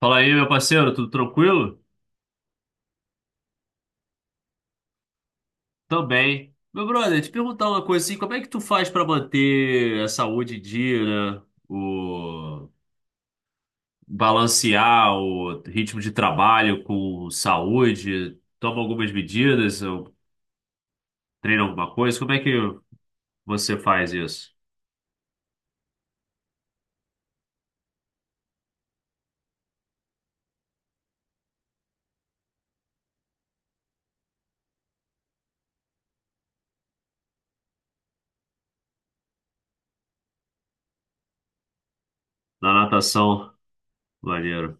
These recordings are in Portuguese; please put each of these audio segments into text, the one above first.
Fala aí, meu parceiro, tudo tranquilo? Também. Meu brother, te perguntar uma coisa assim, como é que tu faz pra manter a saúde em dia, né? O balancear o ritmo de trabalho com saúde, toma algumas medidas, ou treina alguma coisa? Como é que você faz isso? Na natação, maneiro.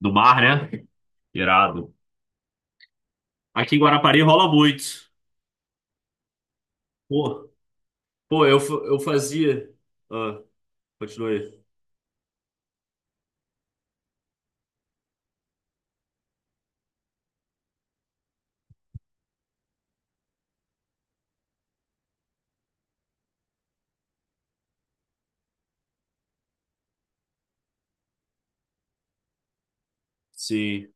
No mar, né? Irado. Aqui em Guarapari rola muito. Pô, eu, eu fazia. Ah, continue. Sim.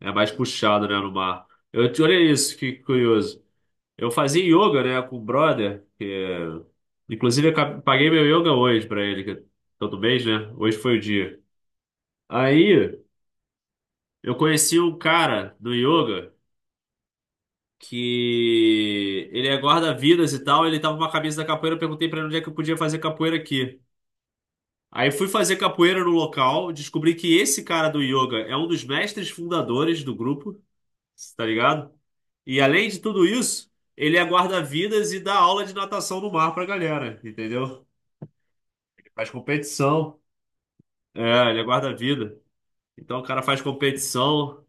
É mais puxado, né, no mar. Olha isso, que curioso. Eu fazia yoga, né, com o brother, que, é, inclusive eu paguei meu yoga hoje pra ele, que é todo mês, né? Hoje foi o dia. Aí eu conheci um cara do yoga que ele é guarda-vidas e tal, ele tava com uma camisa da capoeira, eu perguntei pra ele onde é que eu podia fazer capoeira aqui. Aí fui fazer capoeira no local, descobri que esse cara do yoga é um dos mestres fundadores do grupo, tá ligado? E além de tudo isso, ele é guarda-vidas e dá aula de natação no mar pra galera, entendeu? Ele faz competição. É, ele é guarda-vida. Então o cara faz competição,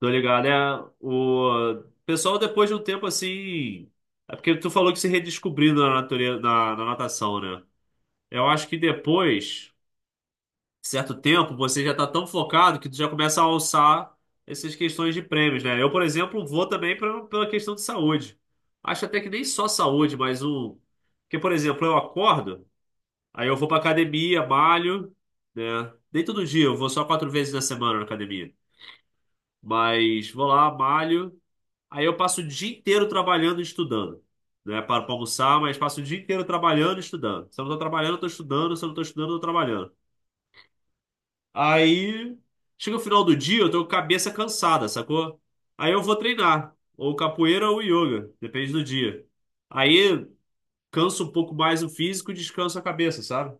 tô ligado, é o pessoal depois de um tempo assim, é porque tu falou que se redescobriu na natureza, na natação, né? Eu acho que depois certo tempo, você já está tão focado que tu já começa a alçar essas questões de prêmios, né? Eu, por exemplo, vou também pela questão de saúde. Acho até que nem só saúde, mas um. Porque, por exemplo, eu acordo, aí eu vou pra academia, malho, né? Nem todo dia, eu vou só quatro vezes na semana na academia. Mas vou lá, malho, aí eu passo o dia inteiro trabalhando e estudando. Né, paro para almoçar, mas passo o dia inteiro trabalhando e estudando. Se eu não estou trabalhando, eu estou estudando. Se eu não estou estudando, eu estou trabalhando. Aí chega o final do dia, eu tô com a cabeça cansada, sacou? Aí eu vou treinar, ou capoeira ou yoga, depende do dia. Aí canso um pouco mais o físico e descanso a cabeça, sabe?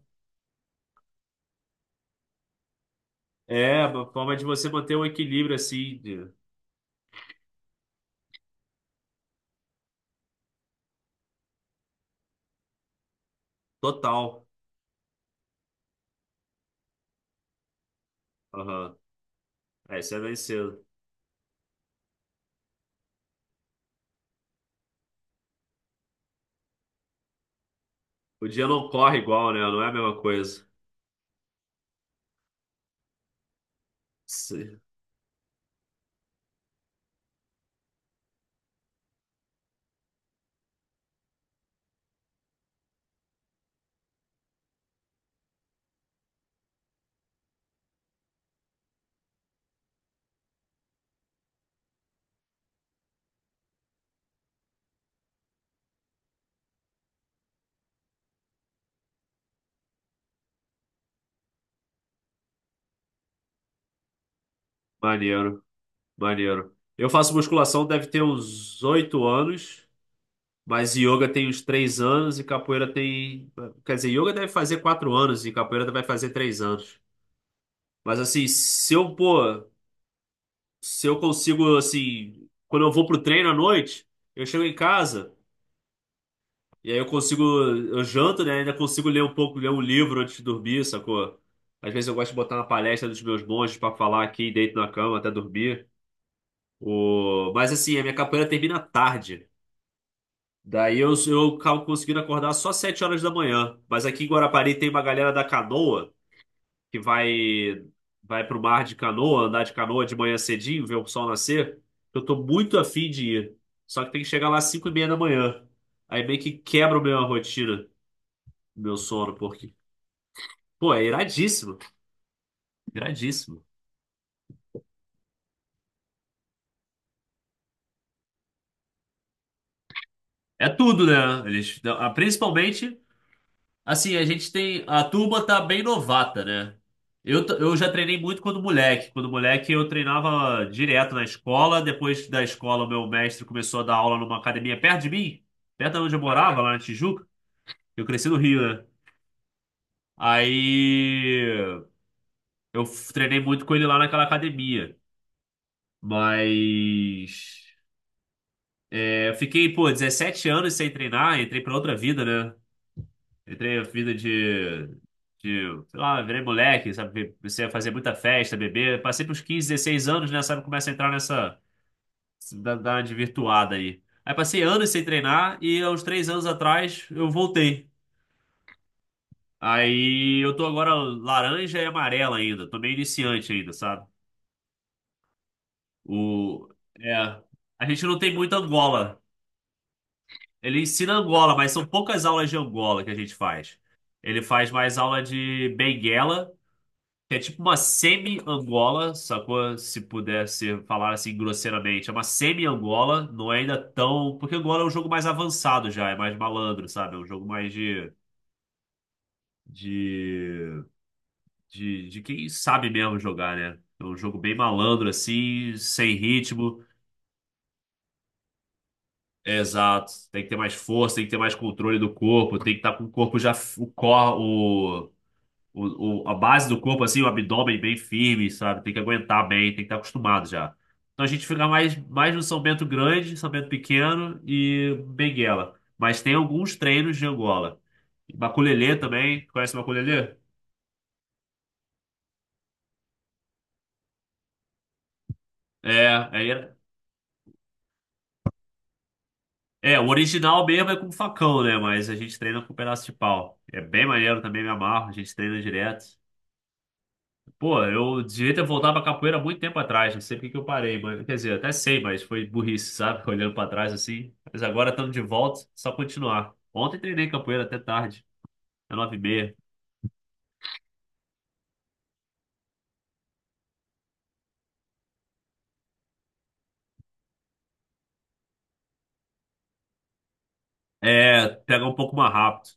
É uma forma de você manter um equilíbrio assim, de- total. Aham. É, isso é bem cedo. O dia não corre igual, né? Não é a mesma coisa. Sim. Maneiro, maneiro. Eu faço musculação, deve ter uns 8 anos. Mas yoga tem uns 3 anos e capoeira tem. Quer dizer, yoga deve fazer 4 anos e capoeira vai fazer 3 anos. Mas assim, se eu, pô, se eu consigo, assim, quando eu vou pro treino à noite, eu chego em casa e aí eu consigo, eu janto, né? Ainda consigo ler um pouco, ler um livro antes de dormir, sacou? Às vezes eu gosto de botar uma palestra dos meus monges pra falar aqui, deito na cama até dormir. O... Mas assim, a minha capoeira termina tarde. Daí eu acabo conseguindo acordar só 7 horas da manhã. Mas aqui em Guarapari tem uma galera da canoa que vai pro mar de canoa, andar de canoa de manhã cedinho, ver o sol nascer. Eu tô muito afim de ir. Só que tem que chegar lá às 5 e meia da manhã. Aí meio que quebra a minha rotina, meu sono, porque, pô, é iradíssimo. Iradíssimo. É tudo, né? Eles, ah, principalmente. Assim, a gente tem. A turma tá bem novata, né? Eu já treinei muito quando moleque. Quando moleque, eu treinava direto na escola. Depois da escola, o meu mestre começou a dar aula numa academia perto de mim, perto de onde eu morava, lá na Tijuca. Eu cresci no Rio, né? Aí treinei muito com ele lá naquela academia. Mas, é, eu fiquei, pô, 17 anos sem treinar, entrei pra outra vida, né? Entrei na vida de, sei lá, virei moleque, sabe? Comecei a fazer muita festa, beber. Passei pros 15, 16 anos, né? Sabe? Começa a entrar nessa da, virtuada aí. Aí passei anos sem treinar e aos 3 anos atrás eu voltei. Aí eu tô agora laranja e amarela ainda. Tô meio iniciante ainda, sabe? O, é, a gente não tem muita Angola. Ele ensina Angola, mas são poucas aulas de Angola que a gente faz. Ele faz mais aula de Benguela. É tipo uma semi-Angola, sacou? Se pudesse falar assim grosseiramente. É uma semi-Angola, não é ainda tão. Porque Angola é um jogo mais avançado já, é mais malandro, sabe? É um jogo mais De. de quem sabe mesmo jogar, né? É um jogo bem malandro, assim, sem ritmo. Exato. Tem que ter mais força, tem que ter mais controle do corpo, tem que estar com o corpo já. O, cor, o- a base do corpo, assim, o abdômen bem firme, sabe? Tem que aguentar bem, tem que estar acostumado já. Então a gente fica mais, mais no São Bento Grande, São Bento Pequeno e Benguela. Mas tem alguns treinos de Angola. Maculelê também, conhece Maculelê? É, aí era- o original mesmo é com facão, né? Mas a gente treina com pedaço de pau. É bem maneiro também, me amarro, a gente treina direto. Pô, eu devia ter voltado pra capoeira há muito tempo atrás, não sei por que que eu parei, mas, quer dizer, até sei, mas foi burrice, sabe? Olhando pra trás assim. Mas agora estando de volta, só continuar. Ontem treinei capoeira até tarde, é 9h30. É, pega um pouco mais rápido.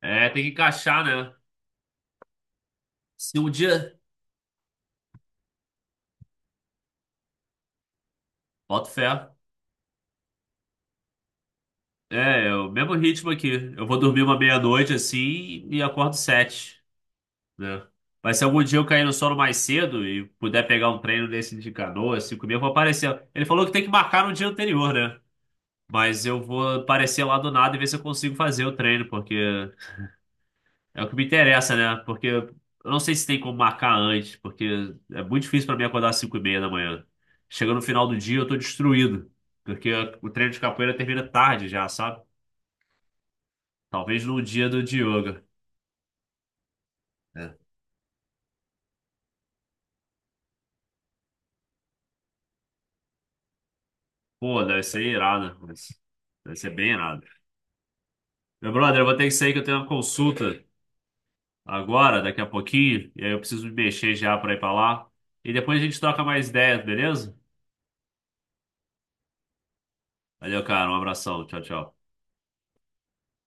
É, tem que encaixar, né? Se um dia, boto fé. É, é o mesmo ritmo aqui. Eu vou dormir uma meia-noite assim e acordo sete, né? Mas se algum dia eu cair no sono mais cedo e puder pegar um treino desse de canoa, cinco mil, eu vou aparecer. Ele falou que tem que marcar no dia anterior, né? Mas eu vou aparecer lá do nada e ver se eu consigo fazer o treino, porque é o que me interessa, né? Porque eu não sei se tem como marcar antes, porque é muito difícil pra mim acordar às 5 e meia da manhã. Chega no final do dia, eu tô destruído, porque o treino de capoeira termina tarde já, sabe? Talvez no dia do de yoga. É. Pô, deve ser irado, mas deve ser bem irado. Meu brother, eu vou ter que sair que eu tenho uma consulta agora, daqui a pouquinho, e aí eu preciso me mexer já pra ir pra lá. E depois a gente troca mais ideias, beleza? Valeu, cara. Um abração. Tchau, tchau.